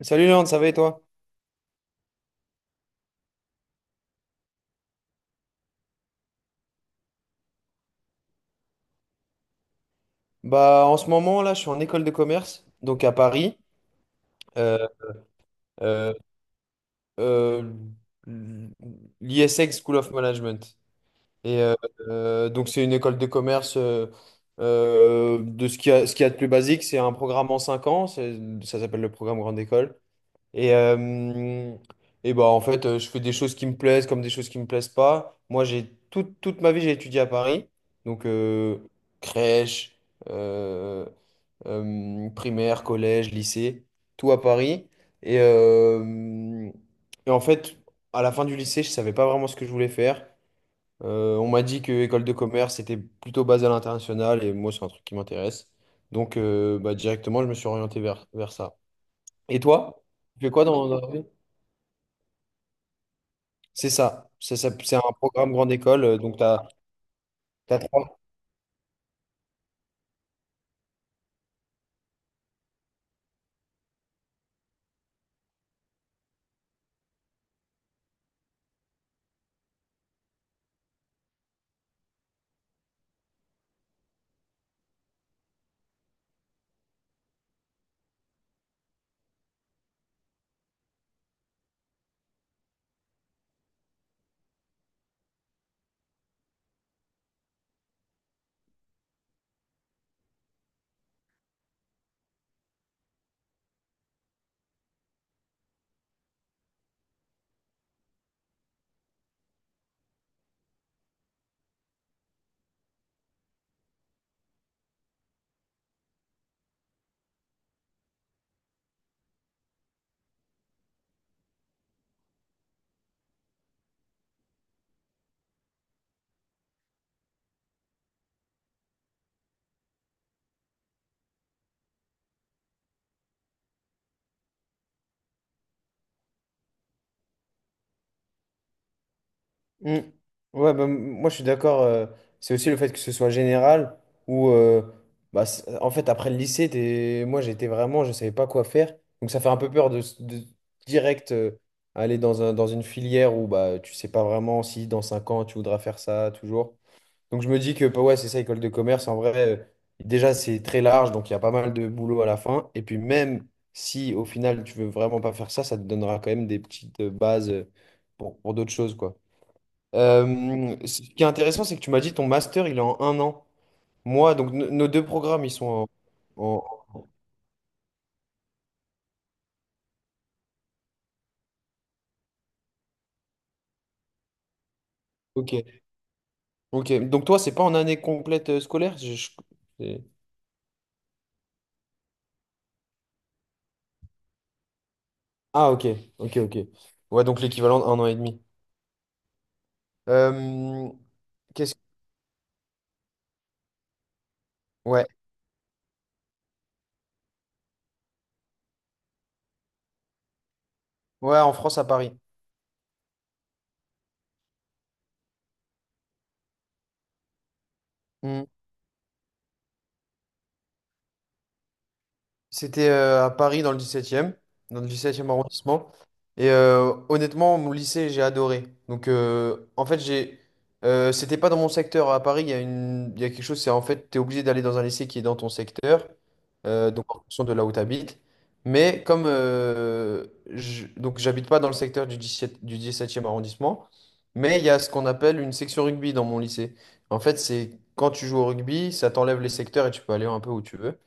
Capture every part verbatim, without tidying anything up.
Salut Léon, ça va et toi? Bah, en ce moment, là, je suis en école de commerce, donc à Paris, euh, euh, euh, l'ISEC School of Management. Et euh, euh, donc, c'est une école de commerce euh, euh, de ce qu'il y a, ce qu'il y a de plus basique. C'est un programme en cinq ans, c'est- ça s'appelle le programme Grande École. Et, euh, et bah, en fait, euh, je fais des choses qui me plaisent comme des choses qui me plaisent pas. Moi, j'ai toute, toute ma vie, j'ai étudié à Paris, donc euh, crèche. euh, euh, Primaire, collège, lycée, tout à Paris. Et, euh, et en fait, à la fin du lycée, je savais pas vraiment ce que je voulais faire. Euh, on m'a dit que école de commerce c'était plutôt basé à l'international et moi, c'est un truc qui m'intéresse. Donc, euh, bah, directement, je me suis orienté vers, vers ça. Et toi, tu fais quoi dans, dans la vie? C'est ça. Ça, ça- c'est un programme grande école. euh, Donc, tu as... Mm. Ouais, bah, m- moi je suis d'accord. Euh, c'est aussi le fait que ce soit général ou euh, bah, c- en fait après le lycée, t'es- moi j'étais vraiment, je savais pas quoi faire. Donc ça fait un peu peur de, s- de direct euh, aller dans un, dans une filière où bah, tu sais pas vraiment si dans cinq ans tu voudras faire ça toujours. Donc je me dis que bah, ouais, c'est ça, école de commerce. En vrai, euh, déjà c'est très large, donc il y a pas mal de boulot à la fin. Et puis même si au final tu veux vraiment pas faire ça, ça te donnera quand même des petites euh, bases euh, pour, pour d'autres choses, quoi. Euh, ce qui est intéressant, c'est que tu m'as dit ton master, il est en un an. Moi, donc no- nos deux programmes, ils sont en... en- Ok, ok. Donc toi, c'est pas en année complète euh, scolaire? Je- je- c'est- Ah, ok, ok, ok. Ouais, donc l'équivalent d'un an et demi. Euh, qu'est-ce... Ouais, Ouais, en France, à Paris. Hmm. C'était euh, à Paris dans le dix-septième, dans le dix-septième arrondissement. Et euh, honnêtement, mon lycée, j'ai adoré. Donc euh, en fait, j'ai euh, c'était pas dans mon secteur. À Paris, il y a une il y a quelque chose, c'est en fait, tu es obligé d'aller dans un lycée qui est dans ton secteur, euh, donc en fonction de là où tu habites. Mais comme euh, je- donc j'habite pas dans le secteur du dix-septième, du dix-septième arrondissement, mais il y a ce qu'on appelle une section rugby dans mon lycée. En fait, c'est quand tu joues au rugby, ça t'enlève les secteurs et tu peux aller un peu où tu veux.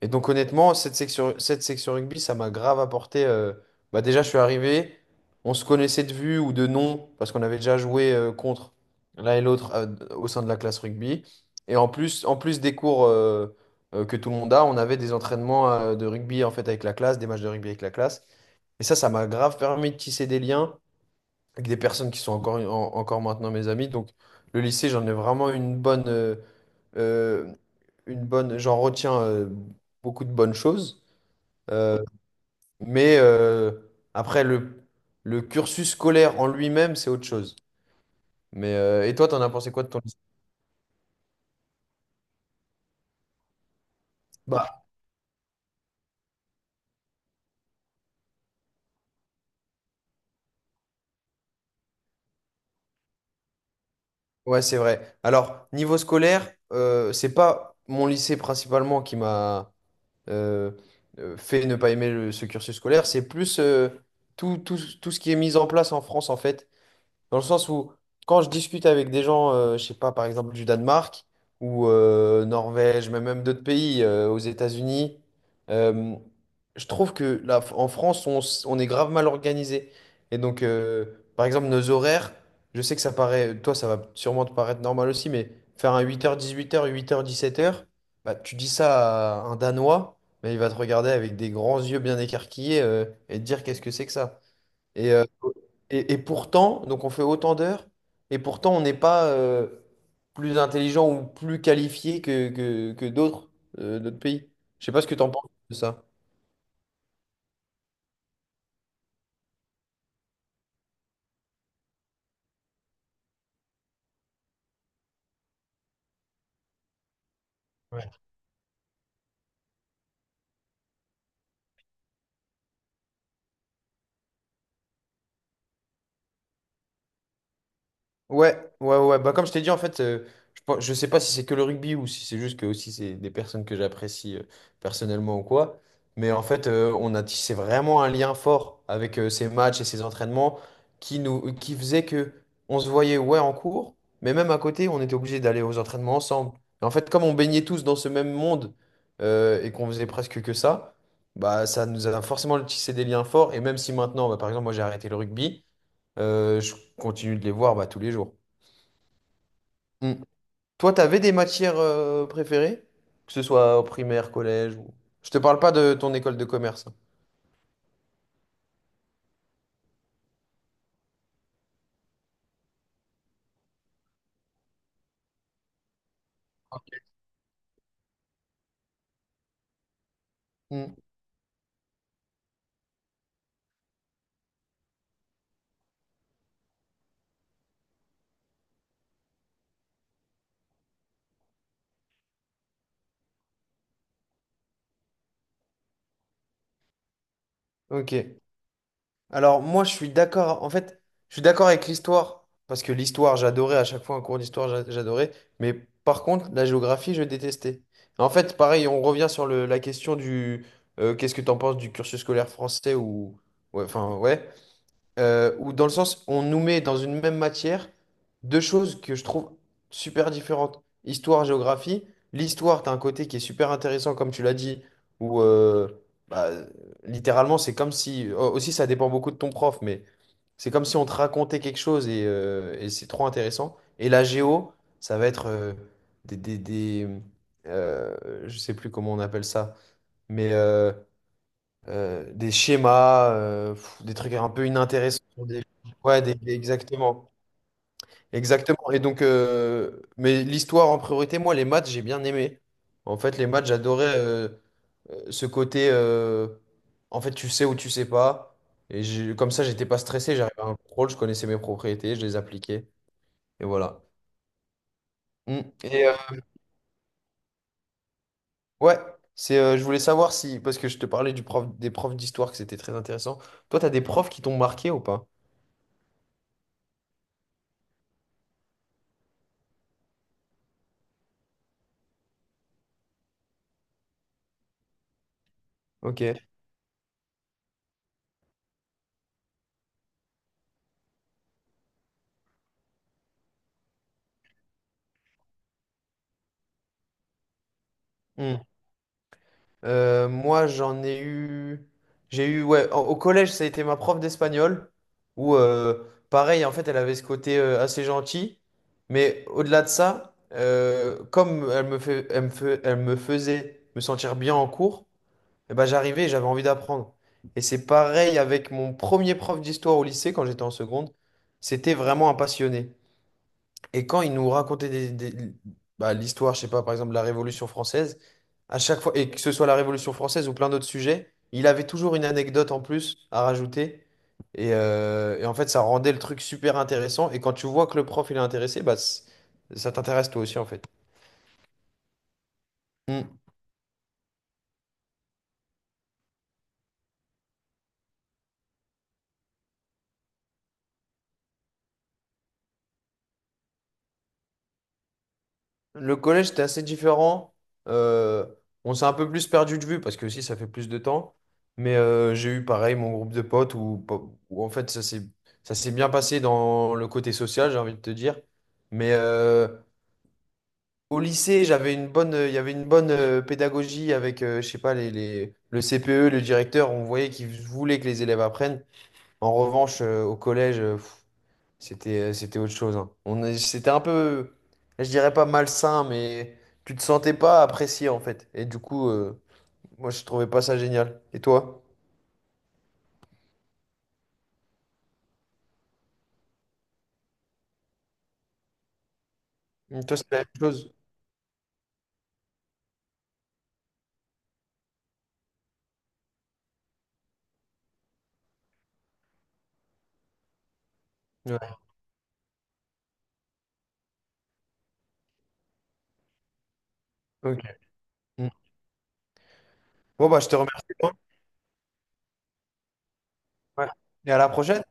Et donc honnêtement, cette section, cette section rugby, ça m'a grave apporté. Euh, bah déjà, je suis arrivé, on se connaissait de vue ou de nom, parce qu'on avait déjà joué euh, contre l'un et l'autre euh, au sein de la classe rugby. Et en plus, en plus des cours euh, euh, que tout le monde a, on avait des entraînements euh, de rugby en fait avec la classe, des matchs de rugby avec la classe. Et ça, ça m'a grave permis de tisser des liens avec des personnes qui sont encore, en- encore maintenant mes amis. Donc le lycée, j'en ai vraiment une bonne. euh, euh, une bonne, j'en retiens euh, beaucoup de bonnes choses, euh, mais euh, après le, le cursus scolaire en lui-même, c'est autre chose. Mais euh, et toi, t'en as pensé quoi de ton lycée? Bah, ouais, c'est vrai. Alors, niveau scolaire, euh, c'est pas mon lycée principalement qui m'a euh, euh, fait ne pas aimer le- ce cursus scolaire, c'est plus euh, tout, tout, tout ce qui est mis en place en France, en fait. Dans le sens où, quand je discute avec des gens, euh, je sais pas, par exemple du Danemark ou euh, Norvège, mais même d'autres pays, euh, aux États-Unis, euh, je trouve que là, en France, on, s- on est grave mal organisé. Et donc, euh, par exemple, nos horaires, je sais que ça paraît, toi, ça va sûrement te paraître normal aussi, mais faire un huit heures, dix-huit heures, huit heures, dix-sept heures, bah, tu dis ça à un Danois, mais il va te regarder avec des grands yeux bien écarquillés, euh, et te dire qu'est-ce que c'est que ça. Et, euh, et, et pourtant, donc on fait autant d'heures, et pourtant on n'est pas euh, plus intelligent ou plus qualifié que, que, que d'autres euh, d'autres pays. Je sais pas ce que tu en penses de ça. Ouais. Ouais, ouais, ouais. Bah, comme je t'ai dit, en fait, euh, je, pen- je sais pas si c'est que le rugby ou si c'est juste que aussi c'est des personnes que j'apprécie euh, personnellement ou quoi. Mais en fait, euh, on a tissé vraiment un lien fort avec euh, ces matchs et ces entraînements qui nous, qui faisait que on se voyait, ouais, en cours, mais même à côté, on était obligé d'aller aux entraînements ensemble. Et en fait, comme on baignait tous dans ce même monde euh, et qu'on faisait presque que ça, bah, ça nous a forcément tissé des liens forts. Et même si maintenant, bah, par exemple, moi j'ai arrêté le rugby, euh, je continue de les voir bah, tous les jours. Mm. Toi, t'avais des matières euh, préférées? Que ce soit au primaire, collège ou... Je te parle pas de ton école de commerce. Mm. Ok. Alors moi, je suis d'accord. En fait, je suis d'accord avec l'histoire parce que l'histoire, j'adorais à chaque fois un cours d'histoire, j'a- j'adorais. Mais par contre, la géographie, je détestais. En fait, pareil, on revient sur le- la question du euh, qu'est-ce que t'en penses du cursus scolaire français ou ouais, enfin ouais. Euh, où dans le sens, on nous met dans une même matière deux choses que je trouve super différentes. Histoire, géographie. L'histoire, tu as un côté qui est super intéressant, comme tu l'as dit, où euh, bah, littéralement, c'est comme si. Oh, aussi, ça dépend beaucoup de ton prof, mais c'est comme si on te racontait quelque chose et, euh, et c'est trop intéressant. Et la géo, ça va être euh, des... des, des euh, je sais plus comment on appelle ça, mais... euh, euh, des schémas, euh, pff, des trucs un peu inintéressants. des- Ouais, des- des- exactement. Exactement. Et donc, euh, mais l'histoire en priorité, moi, les maths, j'ai bien aimé. En fait, les maths, j'adorais euh, euh, ce côté, euh, en fait, tu sais ou tu sais pas. Et j'ai- comme ça, j'étais pas stressé, j'arrivais à un contrôle, je connaissais mes propriétés, je les appliquais. Et voilà. Mm. Et euh, ouais, c'est, euh, je voulais savoir si, parce que je te parlais du prof, des profs d'histoire, que c'était très intéressant. Toi, tu as des profs qui t'ont marqué ou pas? Ok. Mmh. Euh, moi, j'en ai eu. J'ai eu, ouais, en- au collège, ça a été ma prof d'espagnol, où, euh, pareil, en fait, elle avait ce côté euh, assez gentil, mais au-delà de ça, euh, comme elle me fait, elle me fait- elle me faisait me sentir bien en cours, eh ben, j'arrivais et j'avais envie d'apprendre. Et c'est pareil avec mon premier prof d'histoire au lycée, quand j'étais en seconde, c'était vraiment un passionné. Et quand il nous racontait des, des- bah, l'histoire, je sais pas, par exemple, la Révolution française, à chaque fois, et que ce soit la Révolution française ou plein d'autres sujets, il avait toujours une anecdote en plus à rajouter. Et, euh, et en fait, ça rendait le truc super intéressant. Et quand tu vois que le prof, il est intéressé, bah, c- ça t'intéresse toi aussi, en fait. Mm. Le collège, c'était assez différent. Euh, on s'est un peu plus perdu de vue parce que aussi ça fait plus de temps. Mais euh, j'ai eu pareil mon groupe de potes où, où en fait ça s'est ça s'est bien passé dans le côté social, j'ai envie de te dire. Mais euh, au lycée, j'avais une bonne, il y avait une bonne euh, pédagogie avec, euh, je sais pas, les, les- le C P E, le directeur. On voyait qu'ils voulaient que les élèves apprennent. En revanche, euh, au collège, euh, pff, c'était, euh, c'était autre chose, hein. On, est- c'était un peu, je dirais pas malsain, mais tu te sentais pas apprécié en fait. Et du coup, euh, moi je trouvais pas ça génial. Et toi? Toi, c'est la même chose? Ouais. Ok. Mm. Bon, bah, je te remercie, hein. Ouais. Et à la prochaine.